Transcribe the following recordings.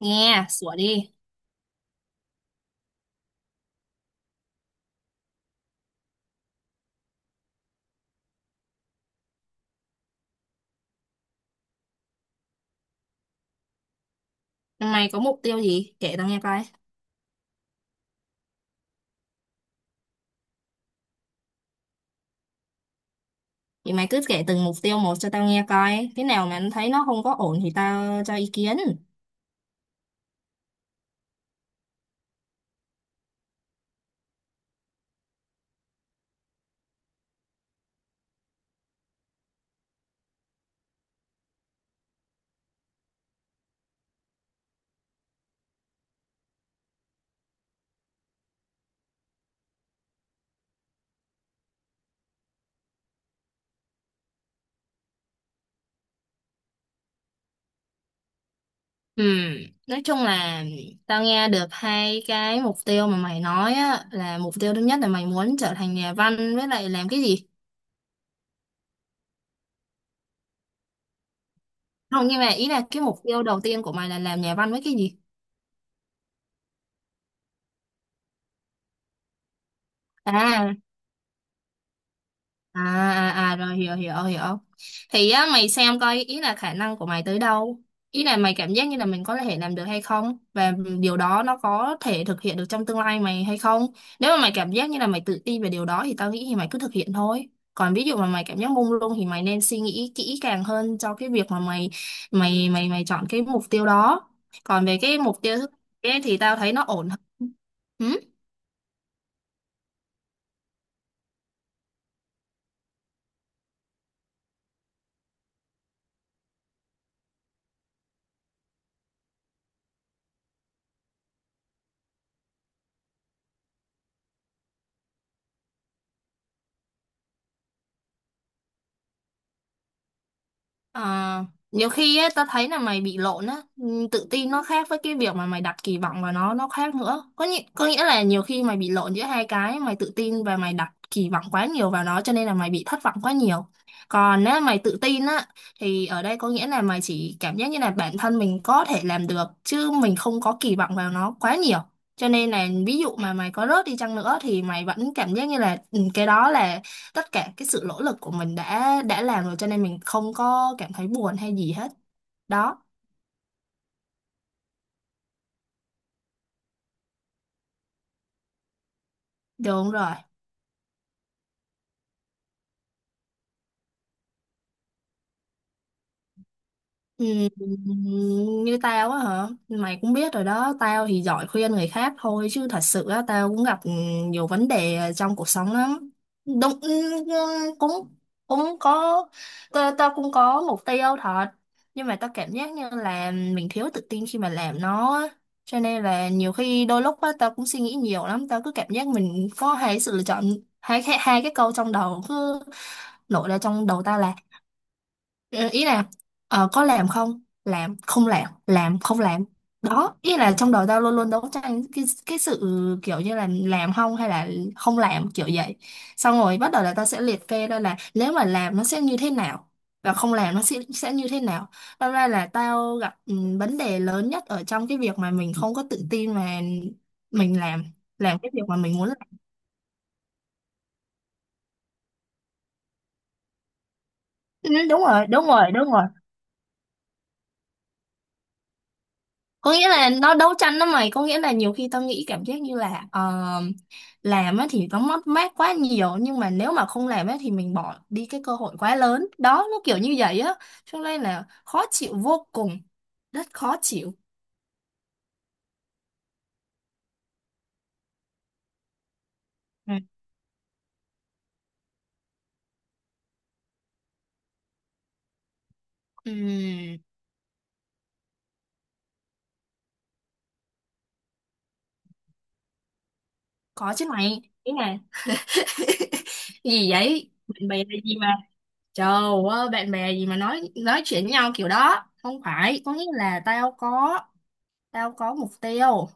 Nghe, sủa đi. Mày có mục tiêu gì? Kể tao nghe coi. Thì mày cứ kể từng mục tiêu một cho tao nghe coi. Cái nào mà thấy nó không có ổn thì tao cho ý kiến. Ừ, nói chung là tao nghe được hai cái mục tiêu mà mày nói á, là mục tiêu thứ nhất là mày muốn trở thành nhà văn với lại làm cái gì? Không, nhưng mà ý là cái mục tiêu đầu tiên của mày là làm nhà văn với cái gì? À, à à, rồi hiểu hiểu hiểu, thì á mày xem coi ý là khả năng của mày tới đâu, ý là mày cảm giác như là mình có thể làm được hay không, và điều đó nó có thể thực hiện được trong tương lai mày hay không. Nếu mà mày cảm giác như là mày tự tin về điều đó thì tao nghĩ thì mày cứ thực hiện thôi, còn ví dụ mà mày cảm giác mông lung thì mày nên suy nghĩ kỹ càng hơn cho cái việc mà mày mày mày mày chọn cái mục tiêu đó. Còn về cái mục tiêu thứ ấy thì tao thấy nó ổn hơn. Ừ? À, nhiều khi ấy, tao thấy là mày bị lộn á. Ừ, tự tin nó khác với cái việc mà mày đặt kỳ vọng vào nó khác nữa. Có nghĩa, là nhiều khi mày bị lộn giữa hai cái, mày tự tin và mày đặt kỳ vọng quá nhiều vào nó cho nên là mày bị thất vọng quá nhiều. Còn nếu mày tự tin á, thì ở đây có nghĩa là mày chỉ cảm giác như là bản thân mình có thể làm được chứ mình không có kỳ vọng vào nó quá nhiều. Cho nên là ví dụ mà mày có rớt đi chăng nữa thì mày vẫn cảm giác như là, ừ, cái đó là tất cả cái sự nỗ lực của mình đã làm rồi, cho nên mình không có cảm thấy buồn hay gì hết đó. Đúng rồi. Ừ, như tao á hả, mày cũng biết rồi đó, tao thì giỏi khuyên người khác thôi chứ thật sự á tao cũng gặp nhiều vấn đề trong cuộc sống lắm. Đúng. Ừ, ừ, cũng cũng có, tao cũng có mục tiêu thật, nhưng mà tao cảm giác như là mình thiếu tự tin khi mà làm nó á. Cho nên là nhiều khi đôi lúc á tao cũng suy nghĩ nhiều lắm, tao cứ cảm giác mình có hai sự lựa chọn, hai hai hai cái câu trong đầu cứ nổi ra trong đầu tao là: Ờ, ý là có làm không làm không làm làm không làm, đó ý là trong đầu tao luôn luôn đấu tranh cái sự kiểu như là làm không hay là không làm, kiểu vậy. Xong rồi bắt đầu là tao sẽ liệt kê ra là nếu mà làm nó sẽ như thế nào và không làm nó sẽ như thế nào. Thật ra là tao gặp vấn đề lớn nhất ở trong cái việc mà mình không có tự tin mà mình làm cái việc mà mình muốn làm. Ừ, đúng rồi, đúng rồi, đúng rồi. Có nghĩa là nó đấu tranh đó mày, có nghĩa là nhiều khi tao nghĩ cảm giác như là, làm á thì nó mất mát quá nhiều, nhưng mà nếu mà không làm á thì mình bỏ đi cái cơ hội quá lớn đó, nó kiểu như vậy á. Cho nên là khó chịu vô cùng, rất khó chịu. Ừ. Ừm, có chứ mày, ý là cái gì vậy, bạn bè là gì mà, trời ơi, bạn bè gì mà nói chuyện với nhau kiểu đó. Không phải, có nghĩa là tao có mục tiêu,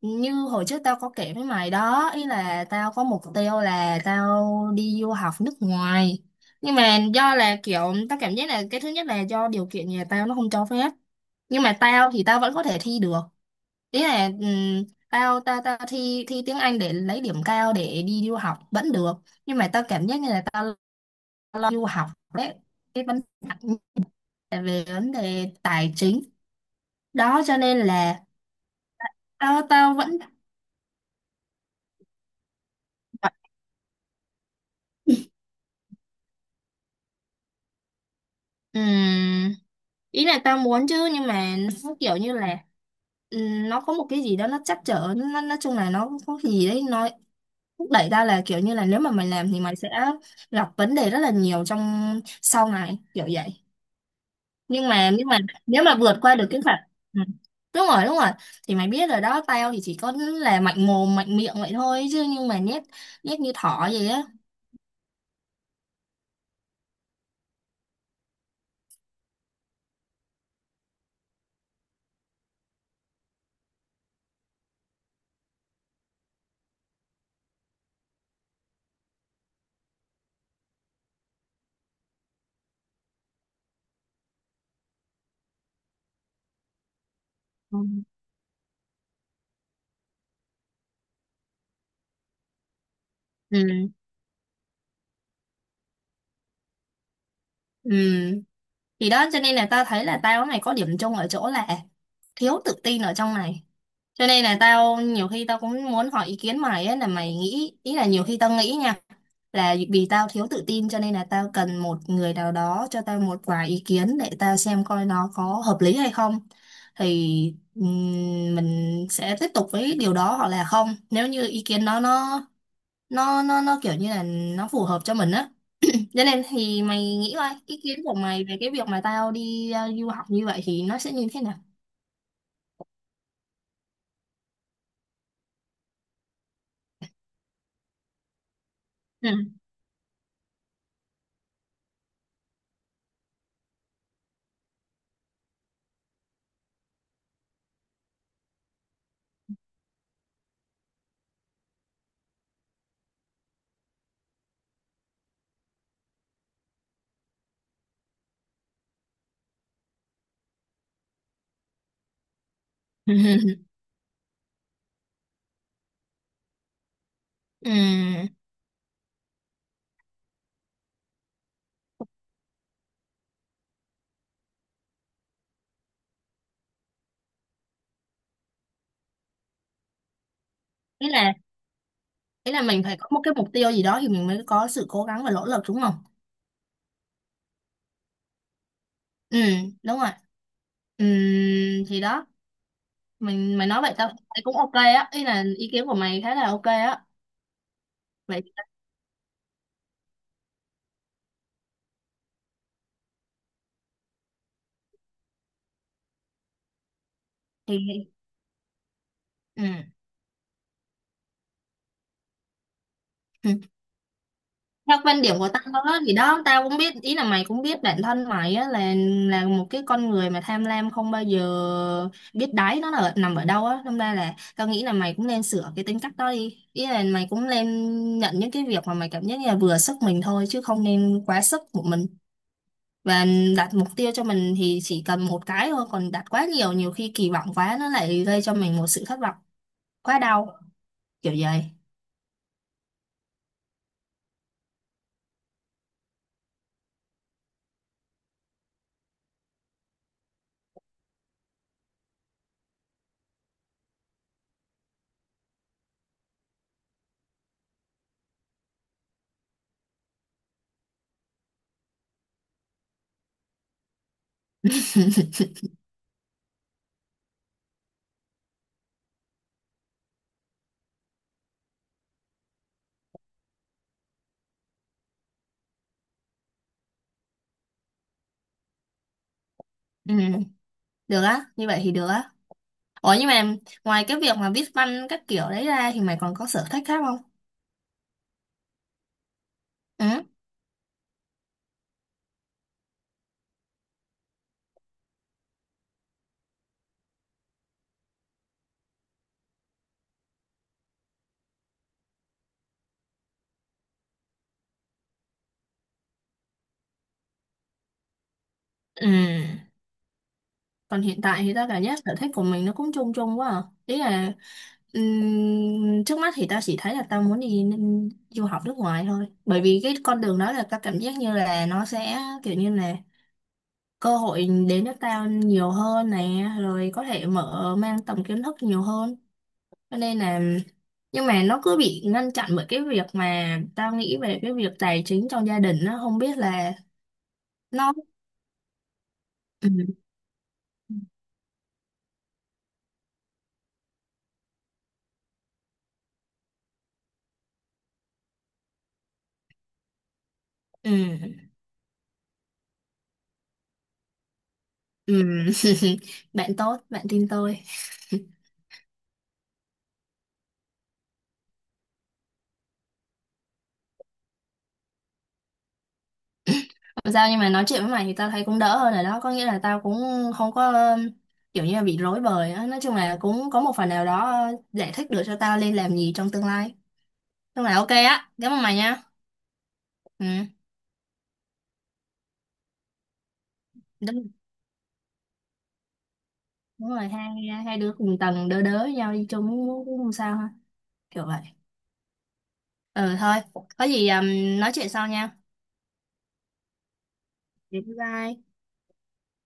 như hồi trước tao có kể với mày đó, ý là tao có mục tiêu là tao đi du học nước ngoài. Nhưng mà do là kiểu tao cảm giác là, cái thứ nhất là do điều kiện nhà tao nó không cho phép, nhưng mà tao thì tao vẫn có thể thi được, ý là tao tao tao thi thi tiếng Anh để lấy điểm cao để đi du học vẫn được. Nhưng mà tao cảm giác như là tao lo du học đấy, cái vấn đề, về vấn đề tài chính đó, cho nên là tao tao vẫn. Ừm, Ý là tao muốn chứ, nhưng mà nó kiểu như là, nó có một cái gì đó nó trắc trở, nó nói chung là nó có cái gì đấy nó thúc đẩy tao là kiểu như là nếu mà mày làm thì mày sẽ gặp vấn đề rất là nhiều trong sau này, kiểu vậy. Nhưng mà nếu mà vượt qua được cái phạt. Ừ. Đúng rồi, đúng rồi. Thì mày biết rồi đó, tao thì chỉ có là mạnh mồm mạnh miệng vậy thôi, chứ nhưng mà nhét nhét như thỏ vậy á. Ừ. Ừ. Ừ. Thì đó cho nên là tao thấy là tao này có điểm chung ở chỗ là thiếu tự tin ở trong này. Cho nên là tao nhiều khi tao cũng muốn hỏi ý kiến mày ấy, là mày nghĩ, ý là nhiều khi tao nghĩ nha, là vì tao thiếu tự tin cho nên là tao cần một người nào đó cho tao một vài ý kiến để tao xem coi nó có hợp lý hay không. Thì mình sẽ tiếp tục với điều đó hoặc là không, nếu như ý kiến đó nó kiểu như là nó phù hợp cho mình á. Vậy nên thì mày nghĩ coi ý kiến của mày về cái việc mà tao đi du học như vậy thì nó sẽ như thế nào? Ừ. Ừ. Ý là, ý là mình phải có một cái mục tiêu gì đó thì mình mới có sự cố gắng và nỗ lực, đúng không? Ừ, đúng rồi. Ừ, thì đó, mình mày nói vậy tao thấy cũng ok á, ý là ý kiến của mày khá là ok á. Vậy thì ừ. theo quan điểm của tao đó thì đó, tao cũng biết, ý là mày cũng biết bản thân mày á là một cái con người mà tham lam không bao giờ biết đáy nó là nằm ở đâu á, đâm ra là tao nghĩ là mày cũng nên sửa cái tính cách đó đi, ý là mày cũng nên nhận những cái việc mà mày cảm giác như là vừa sức mình thôi chứ không nên quá sức của mình. Và đặt mục tiêu cho mình thì chỉ cần một cái thôi, còn đặt quá nhiều nhiều khi kỳ vọng quá nó lại gây cho mình một sự thất vọng quá đau, kiểu vậy. Ừ, được á, như vậy thì được á. Ủa, nhưng mà ngoài cái việc mà viết văn các kiểu đấy ra thì mày còn có sở thích khác không? Ừ. Ừ. Còn hiện tại thì tao cảm giác sở thích của mình nó cũng chung chung quá à. Ý là trước mắt thì tao chỉ thấy là tao muốn đi du học nước ngoài thôi. Bởi vì cái con đường đó là tao cảm giác như là nó sẽ kiểu như là cơ hội đến cho tao nhiều hơn nè, rồi có thể mở mang tầm kiến thức nhiều hơn. Cho nên là, nhưng mà nó cứ bị ngăn chặn bởi cái việc mà tao nghĩ về cái việc tài chính trong gia đình, nó không biết là nó. Ừ. Ừ. Ừ. Bạn tốt bạn tin tôi. Không sao, nhưng mà nói chuyện với mày thì tao thấy cũng đỡ hơn rồi đó, có nghĩa là tao cũng không có kiểu như là bị rối bời á, nói chung là cũng có một phần nào đó giải thích được cho tao nên làm gì trong tương lai. Nhưng mà ok á, cảm ơn mày nha. Ừ. Đúng, đúng rồi, hai hai đứa cùng tầng đỡ đỡ nhau đi chung cũng cũng không sao ha, kiểu vậy. Ừ thôi, có gì nói chuyện sau nha. Bye bye.